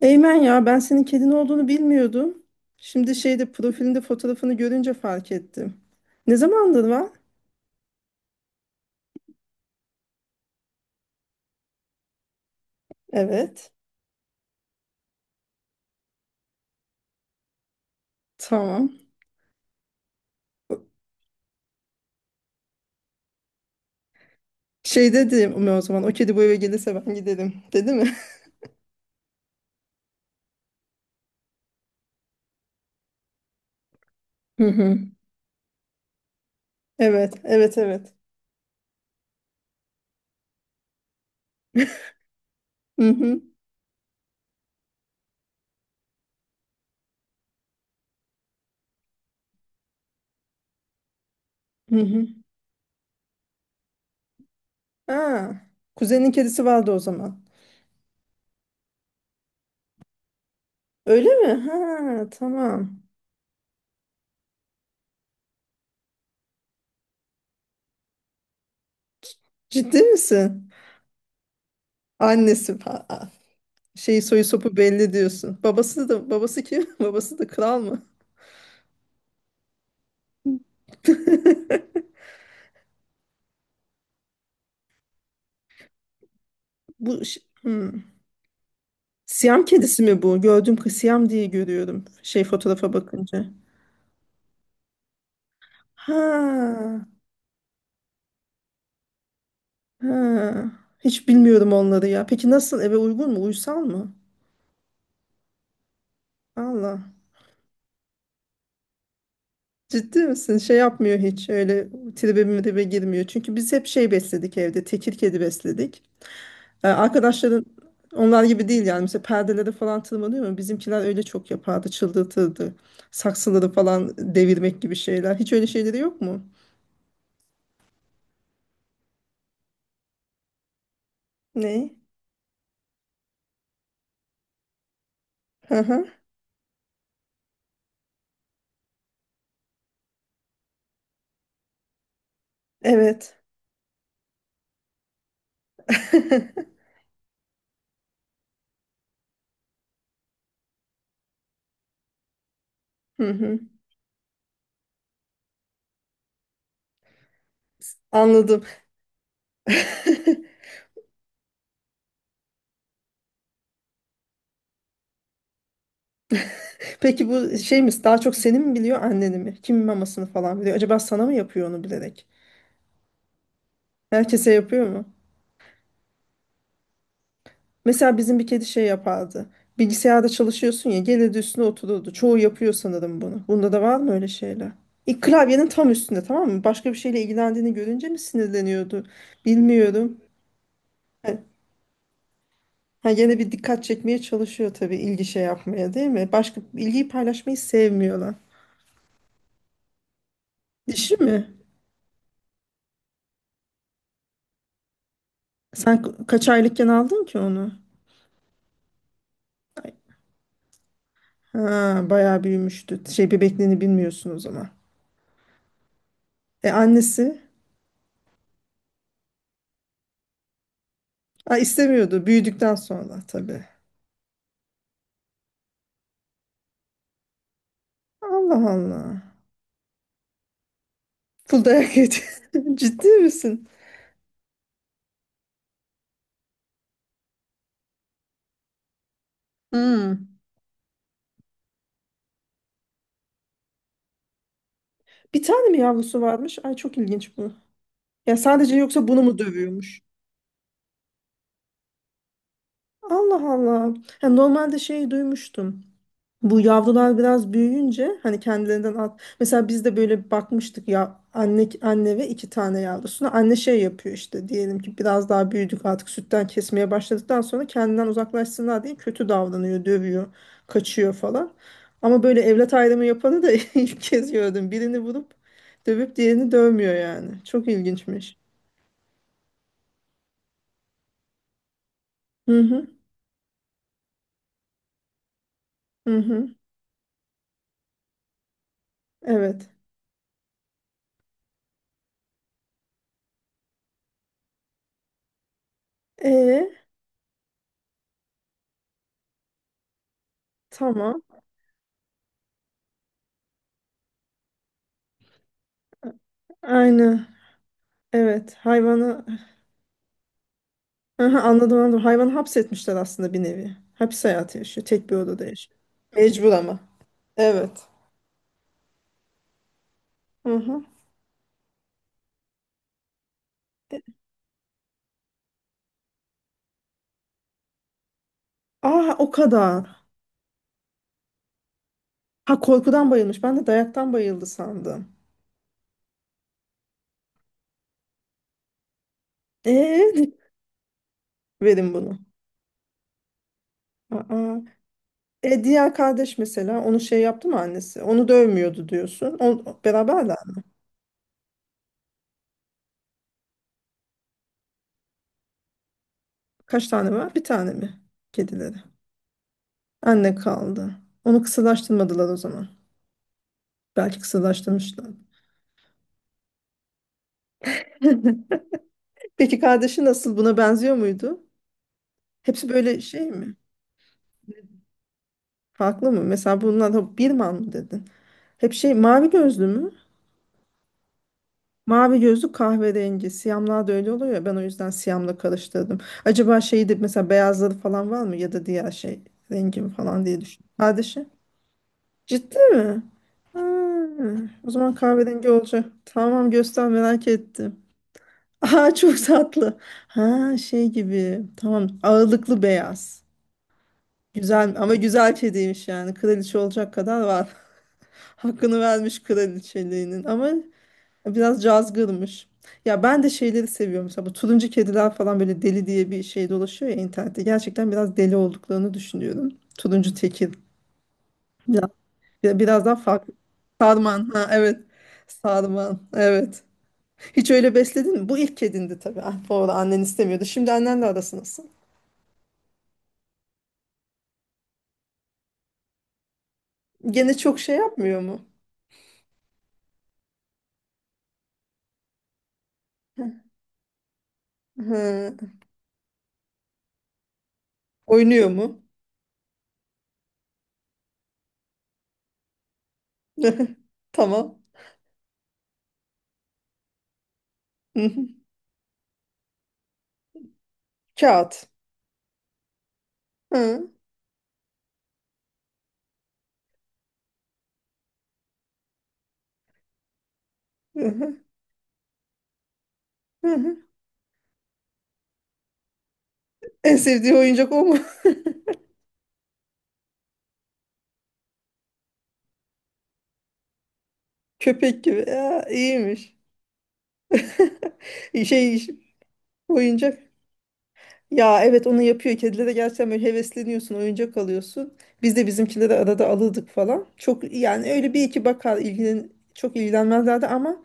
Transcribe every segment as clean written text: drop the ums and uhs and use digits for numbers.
Eymen ya ben senin kedin olduğunu bilmiyordum. Şimdi şeyde profilinde fotoğrafını görünce fark ettim. Ne zamandır var? Evet. Tamam. Şey dedi mi o zaman, o kedi bu eve gelirse ben giderim dedi mi? Hı hı. Evet, evet, evet. Hı hı. Hı hı. Ha, kuzenin kedisi vardı o zaman. Öyle mi? Ha, tamam. Ciddi misin? Annesi şey soyu sopu belli diyorsun. Babası da babası kim? Babası da kral mı? Bu ş- Hmm. Siyam kedisi mi bu? Gördüm ki Siyam diye görüyorum. Şey fotoğrafa bakınca. Ha, ha. Hiç bilmiyorum onları ya. Peki nasıl, eve uygun mu? Uysal mı? Allah. Ciddi misin? Şey yapmıyor hiç. Öyle tribe mribe girmiyor. Çünkü biz hep şey besledik evde. Tekir kedi besledik. Arkadaşların onlar gibi değil yani. Mesela perdeleri falan tırmanıyor mu? Bizimkiler öyle çok yapardı. Çıldırtırdı. Saksıları falan devirmek gibi şeyler. Hiç öyle şeyleri yok mu? Ne? Hı hı. Evet. Hı hı. Anladım. Peki bu şey mi, daha çok seni mi biliyor anneni mi? Kimin mamasını falan biliyor? Acaba sana mı yapıyor onu bilerek? Herkese yapıyor mu? Mesela bizim bir kedi şey yapardı. Bilgisayarda çalışıyorsun ya, gelirdi üstüne otururdu. Çoğu yapıyor sanırım bunu. Bunda da var mı öyle şeyler? İlk klavyenin tam üstünde, tamam mı? Başka bir şeyle ilgilendiğini görünce mi sinirleniyordu? Bilmiyorum. Ha, ha, gene bir dikkat çekmeye çalışıyor tabii, ilgi şey yapmaya değil mi? Başka ilgiyi paylaşmayı sevmiyorlar. Dişi mi? Sen kaç aylıkken aldın ki onu? Ay, ha, bayağı büyümüştü. Şey bebekliğini bilmiyorsun o zaman. E annesi? Ha, istemiyordu. Büyüdükten sonra tabii. Allah Allah. Full dayak yedi. Ciddi misin? Hmm. Bir tane mi yavrusu varmış? Ay çok ilginç bu. Ya sadece yoksa bunu mu dövüyormuş? Allah Allah. Ya normalde şey duymuştum. Bu yavrular biraz büyüyünce hani kendilerinden at. Mesela biz de böyle bakmıştık ya, anne ve iki tane yavrusuna. Anne şey yapıyor işte, diyelim ki biraz daha büyüdük artık, sütten kesmeye başladıktan sonra kendinden uzaklaşsınlar diye kötü davranıyor, dövüyor, kaçıyor falan. Ama böyle evlat ayrımı yapanı da ilk kez gördüm. Birini vurup dövüp diğerini dövmüyor yani. Çok ilginçmiş. Hı hı, hı hı. Evet. E tamam. Aynı. Evet. Hayvanı aha, anladım, anladım. Hayvanı hapsetmişler aslında, bir nevi. Hapis hayatı yaşıyor. Tek bir odada yaşıyor. Mecbur ama. Evet. Aha. E, aa o kadar. Ha, korkudan bayılmış. Ben de dayaktan bayıldı sandım. Eee verin bunu. Aa. E diğer kardeş mesela onu şey yaptı mı annesi? Onu dövmüyordu diyorsun. O, beraberler mi? Kaç tane var? Bir tane mi? Kedileri. Anne kaldı. Onu kısırlaştırmadılar o zaman. Belki kısırlaştırmışlar. Peki kardeşi nasıl? Buna benziyor muydu? Hepsi böyle şey mi? Farklı mı? Mesela bunlar da Birman mı dedin? Hep şey mavi gözlü mü? Mavi gözlü, kahverengi. Siyamlar da öyle oluyor ya, ben o yüzden siyamla karıştırdım. Acaba şeyi de, mesela beyazları falan var mı ya da diğer şey rengi mi falan diye düşün. Kardeşi. Ciddi mi? Ha, o zaman kahverengi olacak. Tamam, göster merak ettim. Aa çok tatlı. Ha şey gibi. Tamam, ağırlıklı beyaz. Güzel ama, güzel kediymiş yani. Kraliçe olacak kadar var. Hakkını vermiş kraliçeliğinin ama biraz cazgırmış. Ya ben de şeyleri seviyorum. Mesela bu turuncu kediler falan böyle deli diye bir şey dolaşıyor ya internette. Gerçekten biraz deli olduklarını düşünüyorum. Turuncu tekir. Biraz, biraz daha farklı. Sarman. Ha, evet. Sarman. Evet. Hiç öyle besledin mi? Bu ilk kedindi tabii. Ah, bu arada annen istemiyordu. Şimdi annenle arası nasıl? Gene çok şey yapmıyor mu? Hı. Oynuyor mu? Tamam. Hı hı. Kağıt. Hı. Hı hı. En sevdiği oyuncak o mu? Köpek gibi. Ya, iyiymiş. Şey oyuncak. Ya evet, onu yapıyor. Kedilere gerçekten böyle hevesleniyorsun. Oyuncak alıyorsun. Biz de bizimkinde de arada alırdık falan. Çok yani öyle bir iki bakar, ilgilen çok ilgilenmezlerdi ama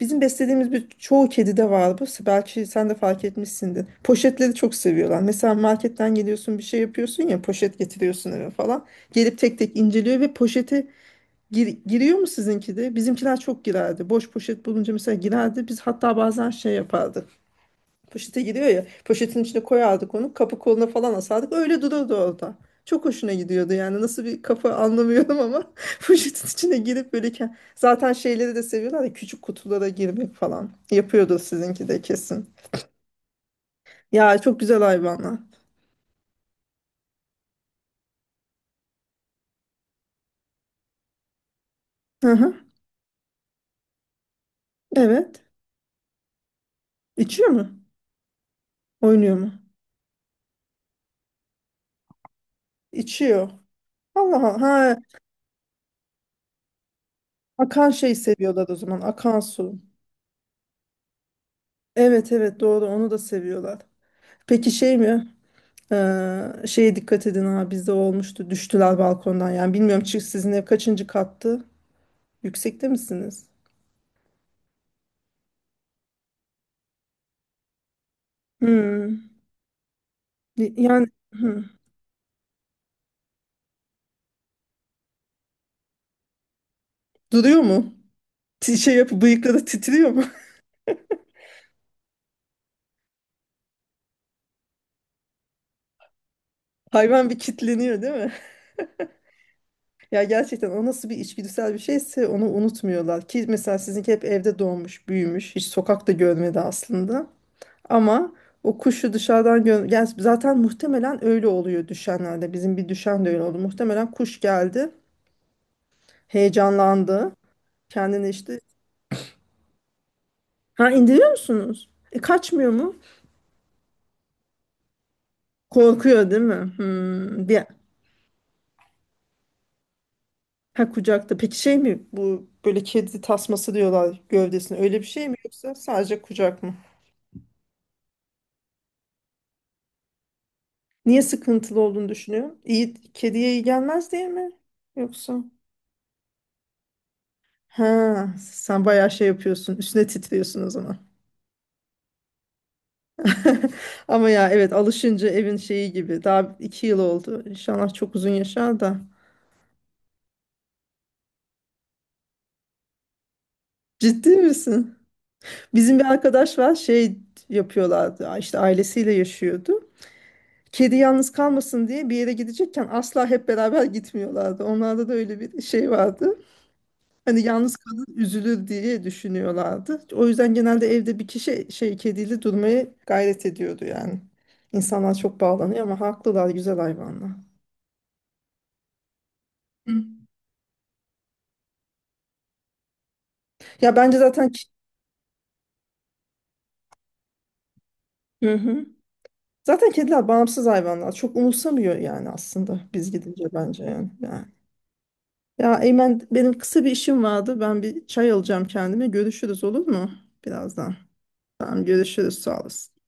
bizim beslediğimiz bir çoğu kedide var bu. Belki sen de fark etmişsindir. Poşetleri çok seviyorlar. Mesela marketten geliyorsun bir şey yapıyorsun ya, poşet getiriyorsun eve falan. Gelip tek tek inceliyor ve poşeti giriyor mu sizinki de? Bizimkiler çok girerdi. Boş poşet bulunca mesela girerdi. Biz hatta bazen şey yapardık. Poşete giriyor ya. Poşetin içine koyardık onu. Kapı koluna falan asardık. Öyle dururdu orada. Çok hoşuna gidiyordu yani. Nasıl bir kafa anlamıyorum ama poşetin içine girip böyle zaten şeyleri de seviyorlar ya, küçük kutulara girmek falan. Yapıyordu sizinki de kesin. Ya çok güzel hayvanlar. Hı hı. Evet. İçiyor mu? Oynuyor mu? İçiyor. Allah Allah. Ha, akan şey seviyorlar o zaman. Akan su. Evet, evet doğru, onu da seviyorlar. Peki şey mi? Şeye dikkat edin, ha bizde olmuştu. Düştüler balkondan, yani bilmiyorum sizin ev kaçıncı kattı? Yüksekte misiniz? Hmm. Yani hmm. Duruyor mu? Şey yapıp bıyıkları titriyor mu? Hayvan bir kitleniyor değil mi? Ya gerçekten, o nasıl bir içgüdüsel bir şeyse onu unutmuyorlar. Ki mesela sizinki hep evde doğmuş, büyümüş, hiç sokakta görmedi aslında. Ama o kuşu dışarıdan yani zaten muhtemelen öyle oluyor düşenlerde. Bizim bir düşen de öyle oldu. Muhtemelen kuş geldi, heyecanlandı. Kendini işte ha, indiriyor musunuz? Kaçmıyor mu? Korkuyor değil mi? Hmm, bir ha kucakta. Peki şey mi bu, böyle kedi tasması diyorlar gövdesine, öyle bir şey mi yoksa sadece kucak mı? Niye sıkıntılı olduğunu düşünüyorum? İyi, kediye iyi gelmez diye mi? Yoksa? Ha, sen bayağı şey yapıyorsun. Üstüne titriyorsun o zaman. Ama ya evet, alışınca evin şeyi gibi. Daha iki yıl oldu. İnşallah çok uzun yaşar da. Ciddi misin? Bizim bir arkadaş var, şey yapıyorlardı. İşte ailesiyle yaşıyordu. Kedi yalnız kalmasın diye bir yere gidecekken asla hep beraber gitmiyorlardı. Onlarda da öyle bir şey vardı. Hani yalnız kadın üzülür diye düşünüyorlardı. O yüzden genelde evde bir kişi şey kediyle durmaya gayret ediyordu yani. İnsanlar çok bağlanıyor ama haklılar, güzel hayvanlar. Hı. Ya bence zaten ki- Hı hı. Zaten kediler bağımsız hayvanlar. Çok umursamıyor yani, aslında biz gidince bence yani. Yani. Ya Eymen, benim kısa bir işim vardı. Ben bir çay alacağım kendime. Görüşürüz olur mu? Birazdan. Tamam, görüşürüz sağ olasın.